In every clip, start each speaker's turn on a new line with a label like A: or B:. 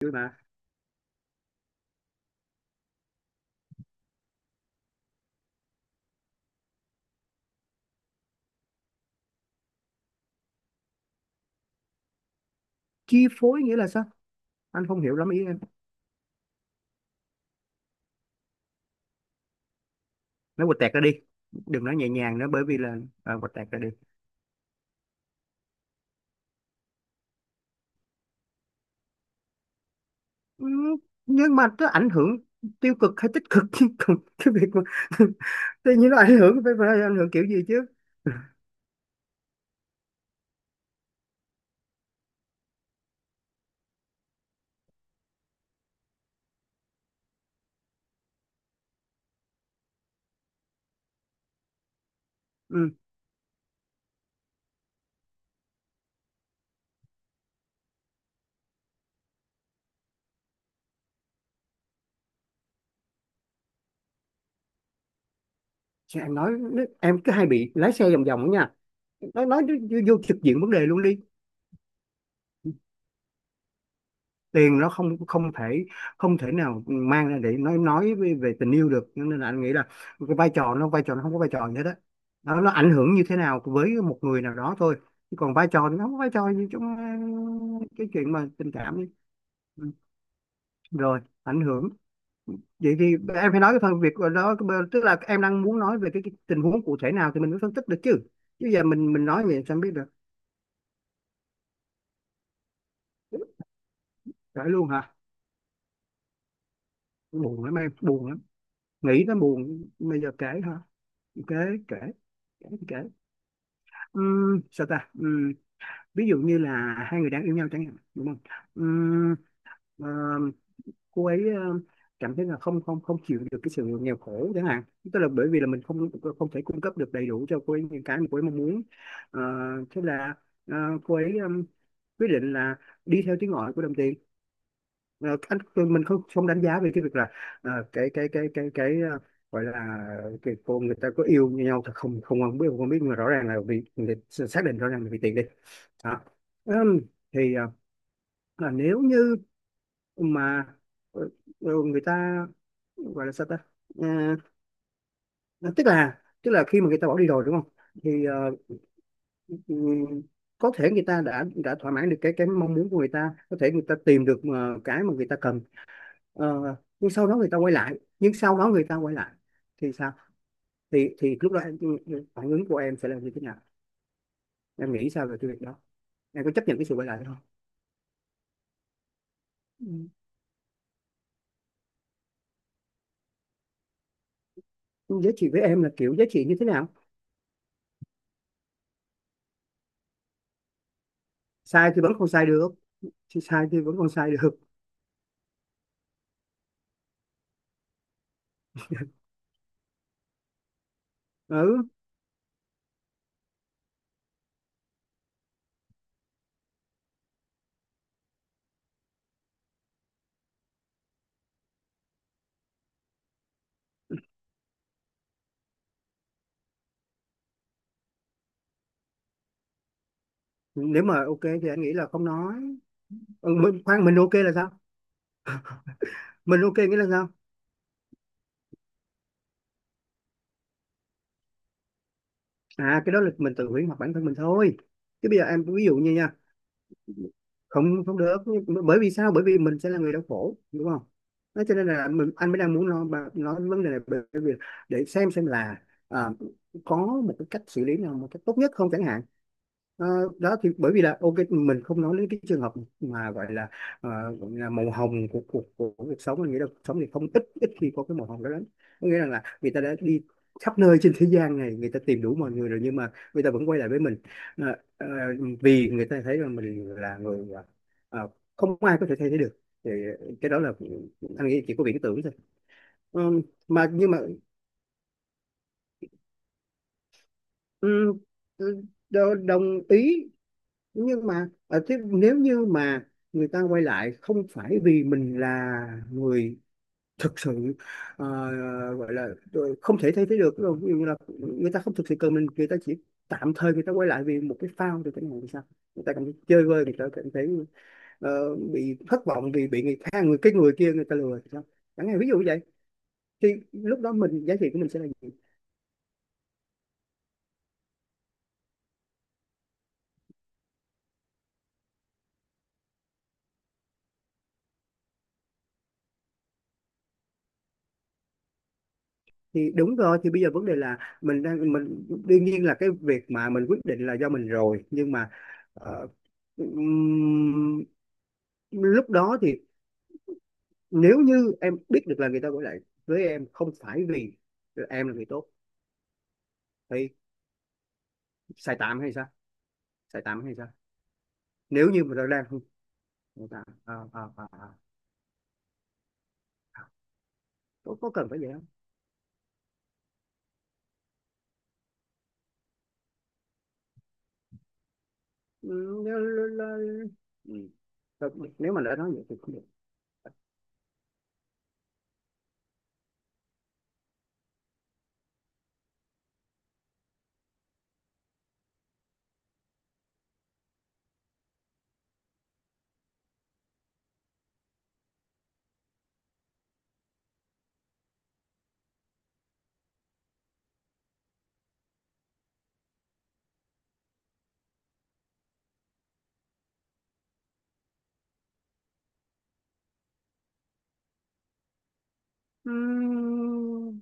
A: Vui mà. Chi phối nghĩa là sao? Anh không hiểu lắm ý em. Nói quạch tẹt ra đi, đừng nói nhẹ nhàng nữa, bởi vì là quạch tẹt ra đi. Ừ, nhưng mà nó ảnh hưởng tiêu cực hay tích cực chứ còn cái việc mà tự nhiên nó ảnh hưởng, phải phải ảnh hưởng kiểu gì chứ. Ừ. Chứ em nói, em cứ hay bị lái xe vòng vòng đó nha, nói vô vô trực diện vấn đề luôn đi. Tiền nó không không thể không thể nào mang ra để nói về tình yêu được, nên là anh nghĩ là cái vai trò nó không có vai trò gì hết đó. Nó ảnh hưởng như thế nào với một người nào đó thôi, chứ còn vai trò thì nó không có vai trò gì trong cái chuyện mà tình cảm ấy. Ừ, rồi ảnh hưởng. Vậy thì em phải nói cái phần việc đó, tức là em đang muốn nói về cái tình huống cụ thể nào thì mình mới phân tích được chứ, chứ giờ mình nói vậy sao em biết được. Phải luôn hả? Buồn lắm, em buồn lắm, nghĩ nó buồn. Bây giờ kể hả? Kể. Kể. Kể kể. Sao ta? Ví dụ như là hai người đang yêu nhau chẳng hạn, đúng không? Ừm, ờ, cô ấy cảm thấy là không không không chịu được cái sự nghèo khổ chẳng hạn, tức là bởi vì là mình không không thể cung cấp được đầy đủ cho cô ấy những cái mà cô ấy mong muốn. Ờ, thế là ờ, cô ấy quyết định là đi theo tiếng gọi của đồng tiền. Ờ, anh, mình không không đánh giá về cái việc là cái gọi là, cái cô, người ta có yêu nhau thì không không không biết không biết, nhưng mà rõ ràng là vì người ta xác định rõ ràng là vì tiền đi, đó. Ừm, thì là nếu như mà ờ, người ta gọi là sao ta. Ờ, ờ, tức là, khi mà người ta bỏ đi rồi, đúng không? Thì ừm, có thể người ta đã thỏa mãn được cái mong muốn của người ta, có thể người ta tìm được cái mà người ta cần. Ờ, nhưng sau đó người ta quay lại thì sao? Thì lúc đó em, phản ứng của em sẽ là như thế nào? Em nghĩ sao về cái việc đó? Em có chấp nhận cái sự quay lại không? Ừ. Giá trị với em là kiểu giá trị như thế nào? Sai thì vẫn còn sai được, thì sai thì vẫn còn sai được. Ừ, nếu mà ok thì anh nghĩ là không nói. Ừ, mình, khoan, mình ok là sao? Mình ok nghĩa là sao? Cái đó là mình tự hủy hoặc bản thân mình thôi, chứ bây giờ em ví dụ như nha, không không được. Bởi vì sao? Bởi vì mình sẽ là người đau khổ, đúng không? Nói cho nên là mình, anh mới đang muốn nói vấn đề này, bởi vì để xem là à, có một cái cách xử lý nào một cách tốt nhất không, chẳng hạn. Ờ, đó, thì bởi vì là ok, mình không nói đến cái trường hợp mà gọi là ờ, màu hồng của cuộc, của cuộc sống, mình nghĩ là cuộc sống thì không, ít ít khi có cái màu hồng đó lắm. Có nghĩa rằng là người ta đã đi khắp nơi trên thế gian này, người ta tìm đủ mọi người rồi nhưng mà người ta vẫn quay lại với mình. Ờ, ờ, vì người ta thấy rằng mình là người, ờ, không ai có thể thay thế được, thì cái đó là anh nghĩ chỉ có viễn tưởng thôi. Ờ, mà nhưng mà ừ, ừ, đồng ý, nhưng mà ở thế, nếu như mà người ta quay lại không phải vì mình là người thực sự ờ, gọi là không thể thay thế được, ví dụ như là người ta không thực sự cần mình, người ta chỉ tạm thời người ta quay lại vì một cái phao, thì cái này thì sao? Người ta cảm thấy chơi vơi, người ta cảm thấy bị thất vọng vì bị người khác, người cái người kia người ta lừa thì sao, chẳng hạn ví dụ vậy. Thì lúc đó mình, giá trị của mình sẽ là gì? Thì đúng rồi, thì bây giờ vấn đề là mình đang, mình đương nhiên là cái việc mà mình quyết định là do mình rồi, nhưng mà ờ, ừm, lúc đó thì nếu như em biết được là người ta gọi lại với em không phải vì em là người tốt, thì sai tạm hay sao? Sai tạm hay sao? Nếu như mà nó đang không, không tạm, Có cần phải vậy không? Ừ, nếu, ừ. Nếu mà đã nói vậy thì không. Ừm,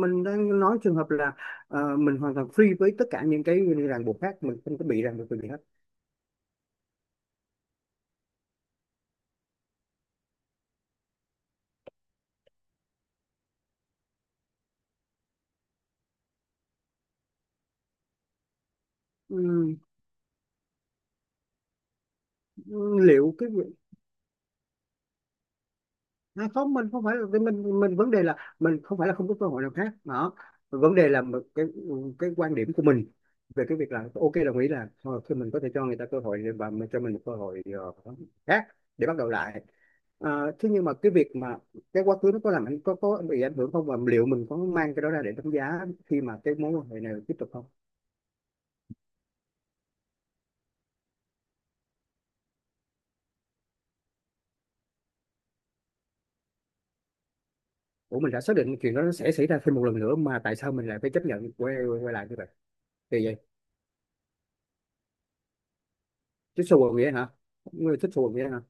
A: mình đang nói trường hợp là mình hoàn toàn free với tất cả những cái ràng buộc khác, mình không có bị ràng buộc về gì hết. Ừm, liệu cái không, mình không phải là, mình vấn đề là mình không phải là không có cơ hội nào khác đó. Vấn đề là một cái quan điểm của mình về cái việc là ok, đồng ý là thôi thì mình có thể cho người ta cơ hội và mình cho mình một cơ hội khác để bắt đầu lại. Thế nhưng mà cái việc mà cái quá khứ nó có làm ảnh có bị ảnh hưởng không, và liệu mình có mang cái đó ra để đánh giá khi mà cái mối quan hệ này tiếp tục không? Ủa, mình đã xác định chuyện đó nó sẽ xảy ra thêm một lần nữa mà tại sao mình lại phải chấp nhận quay quay lại như vậy? Thì vậy, thích xù nghĩa hả? Người thích xù nghĩa hả?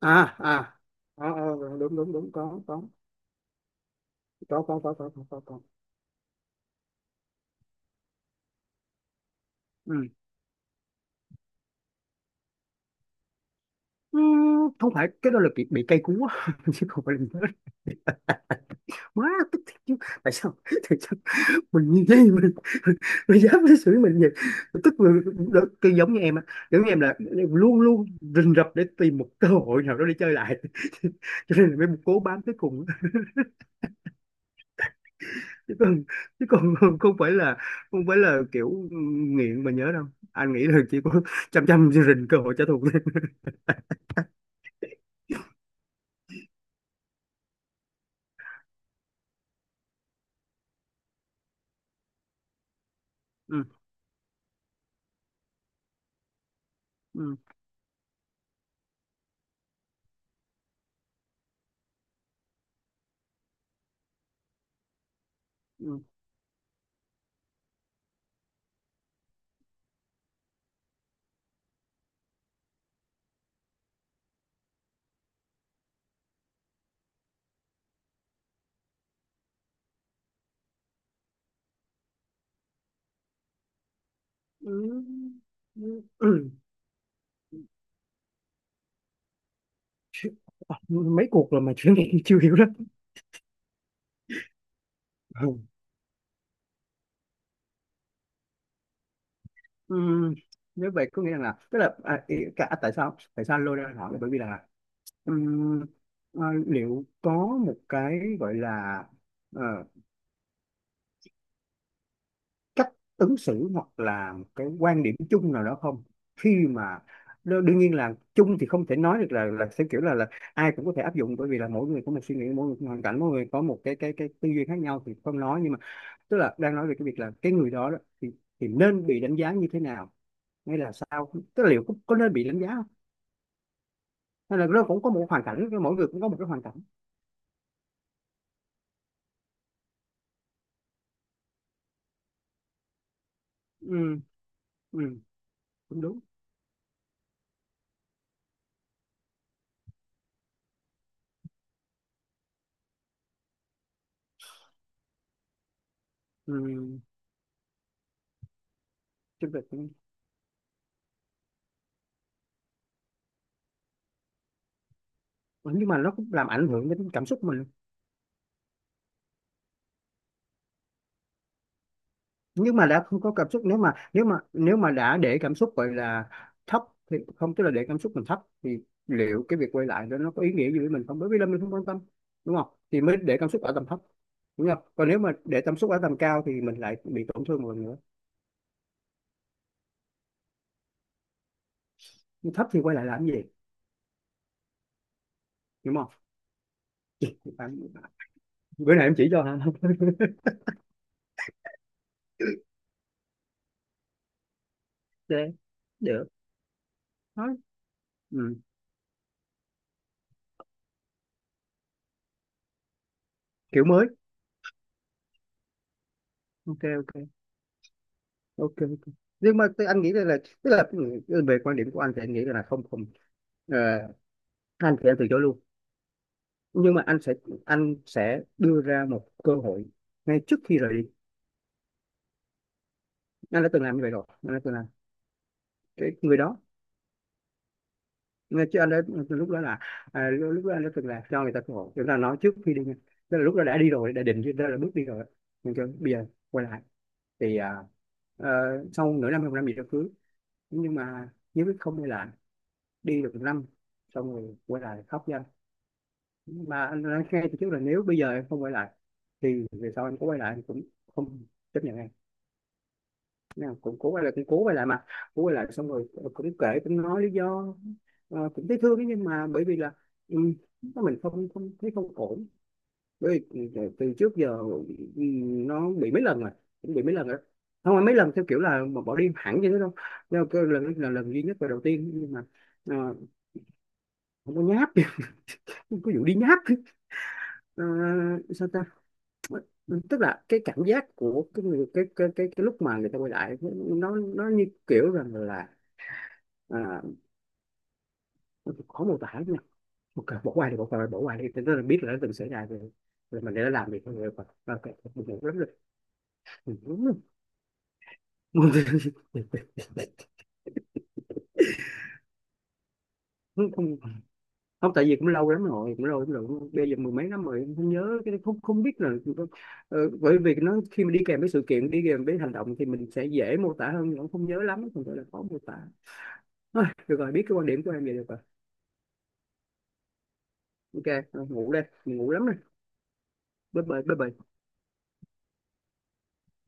A: à à Ờ, ờ, đúng đúng đúng, có, có. Ừ. Ừ, không phải, cái đó là bị cây cú á, chứ không phải là nhớ má. Tức thiệt chứ. Tại sao? Tại sao mình như thế? Mình, dám đối xử mình vậy? Mình tức là đó, cái giống như em á, giống như em là luôn luôn rình rập để tìm một cơ hội nào đó để chơi lại cho nên là mới cố bám tới cùng, chứ còn, không phải là, kiểu nghiện mà nhớ đâu, anh nghĩ là chỉ có chăm chăm rình cơ hội trả thù thôi. Ừ. Ừ. Ừ. Ừ. Ừ. Ừ. Chứ- mấy cuộc rồi mà chuyện này chưa hiểu lắm. Ừ. Ừ, nếu vậy có nghĩa là, tức là, cả, tại sao, anh lôi ra hỏi là bởi vì là ừm, liệu có một cái gọi là ờ, cách ứng xử hoặc là một cái quan điểm chung nào đó không, khi mà đương nhiên là chung thì không thể nói được là, theo kiểu là, ai cũng có thể áp dụng, bởi vì là mỗi người có một suy nghĩ, mỗi người có một hoàn cảnh, mỗi người có một cái tư duy khác nhau thì không nói, nhưng mà tức là đang nói về cái việc là cái người đó, thì nên bị đánh giá như thế nào, hay là sao, tức là liệu có, nên bị đánh giá không, hay là nó cũng có một hoàn cảnh, mỗi người cũng có một cái hoàn cảnh. Ừ. Ừ. Cũng đúng. Ừ, Chứ việc- nhưng mà nó cũng làm ảnh hưởng đến cảm xúc mình. Nhưng mà đã không có cảm xúc, nếu mà đã để cảm xúc gọi là thấp thì không, tức là để cảm xúc mình thấp thì liệu cái việc quay lại đó nó có ý nghĩa gì với mình không, bởi vì là mình không quan tâm, đúng không, thì mới để cảm xúc ở tầm thấp, đúng không? Còn nếu mà để cảm xúc ở tầm cao thì mình lại bị tổn thương một lần nữa. Nhưng thấp thì quay lại làm gì, đúng không? Bạn- bữa nay em chỉ cho hả? Ok, được. Thôi. Ừ. Kiểu mới. Ok, ok. Ok, ok, nhưng mà anh nghĩ là, tức là về quan điểm của anh thì anh nghĩ là không không. Ờ, anh thì anh từ chối luôn, nhưng mà anh sẽ, anh sẽ đưa ra một cơ hội ngay trước khi rời đi. Anh đã từng làm như vậy rồi, anh đã từng làm. Cái người đó, nghe chứ, anh đã, lúc đó là lúc đó anh đã từng là cho người ta cơ hội chúng ta nói trước khi đi nha. Tức là lúc đó đã đi rồi, đã định ra là bước đi rồi, nhưng chứ bây giờ quay lại thì ờ, sau nửa năm hay một năm gì đó cưới, nhưng mà nếu biết không đi lại, đi được một năm xong rồi quay lại khóc ra, mà anh nói ngay từ trước là nếu bây giờ em không quay lại thì về sau anh có quay lại anh cũng không chấp nhận em. Nào cũng cố quay lại, cũng cố quay lại, mà cố quay lại xong rồi cũng kể, cũng nói lý do. Cũng thấy thương ấy, nhưng mà bởi vì là ừ, mình không không thấy, không ổn, bởi vì từ từ trước giờ ừ, nó bị mấy lần rồi, cũng bị mấy lần rồi, không phải mấy lần theo kiểu là mà bỏ đi hẳn vậy đó đâu, nhưng mà cái lần là lần duy nhất và đầu tiên, nhưng mà ờ, không có nháp. Không có vụ đi nháp. Ờ, sao ta. Ừ, tức là cái cảm giác của cái người, cái lúc mà người ta quay lại, nó như kiểu rằng là à, khó mô tả lắm nha. Một cái bỏ qua thì bỏ qua, bỏ qua đi. Thế tức là biết là nó từng xảy ra rồi, rồi mình để nó làm việc thôi, rồi còn ok. Buồn ngủ lắm rồi. Buồn ngủ. Không, không, tại vì cũng lâu lắm rồi, cũng lâu lắm rồi, bây giờ mười mấy năm rồi không nhớ, cái không, không biết là bởi vì nó khi mình đi kèm với sự kiện, đi kèm với hành động thì mình sẽ dễ mô tả hơn, nhưng cũng không nhớ lắm, không phải là khó mô tả. Thôi, được rồi, biết cái quan điểm của em vậy được rồi. Ok. Ngủ đây, mình ngủ lắm rồi. Bye bye. Bye bye.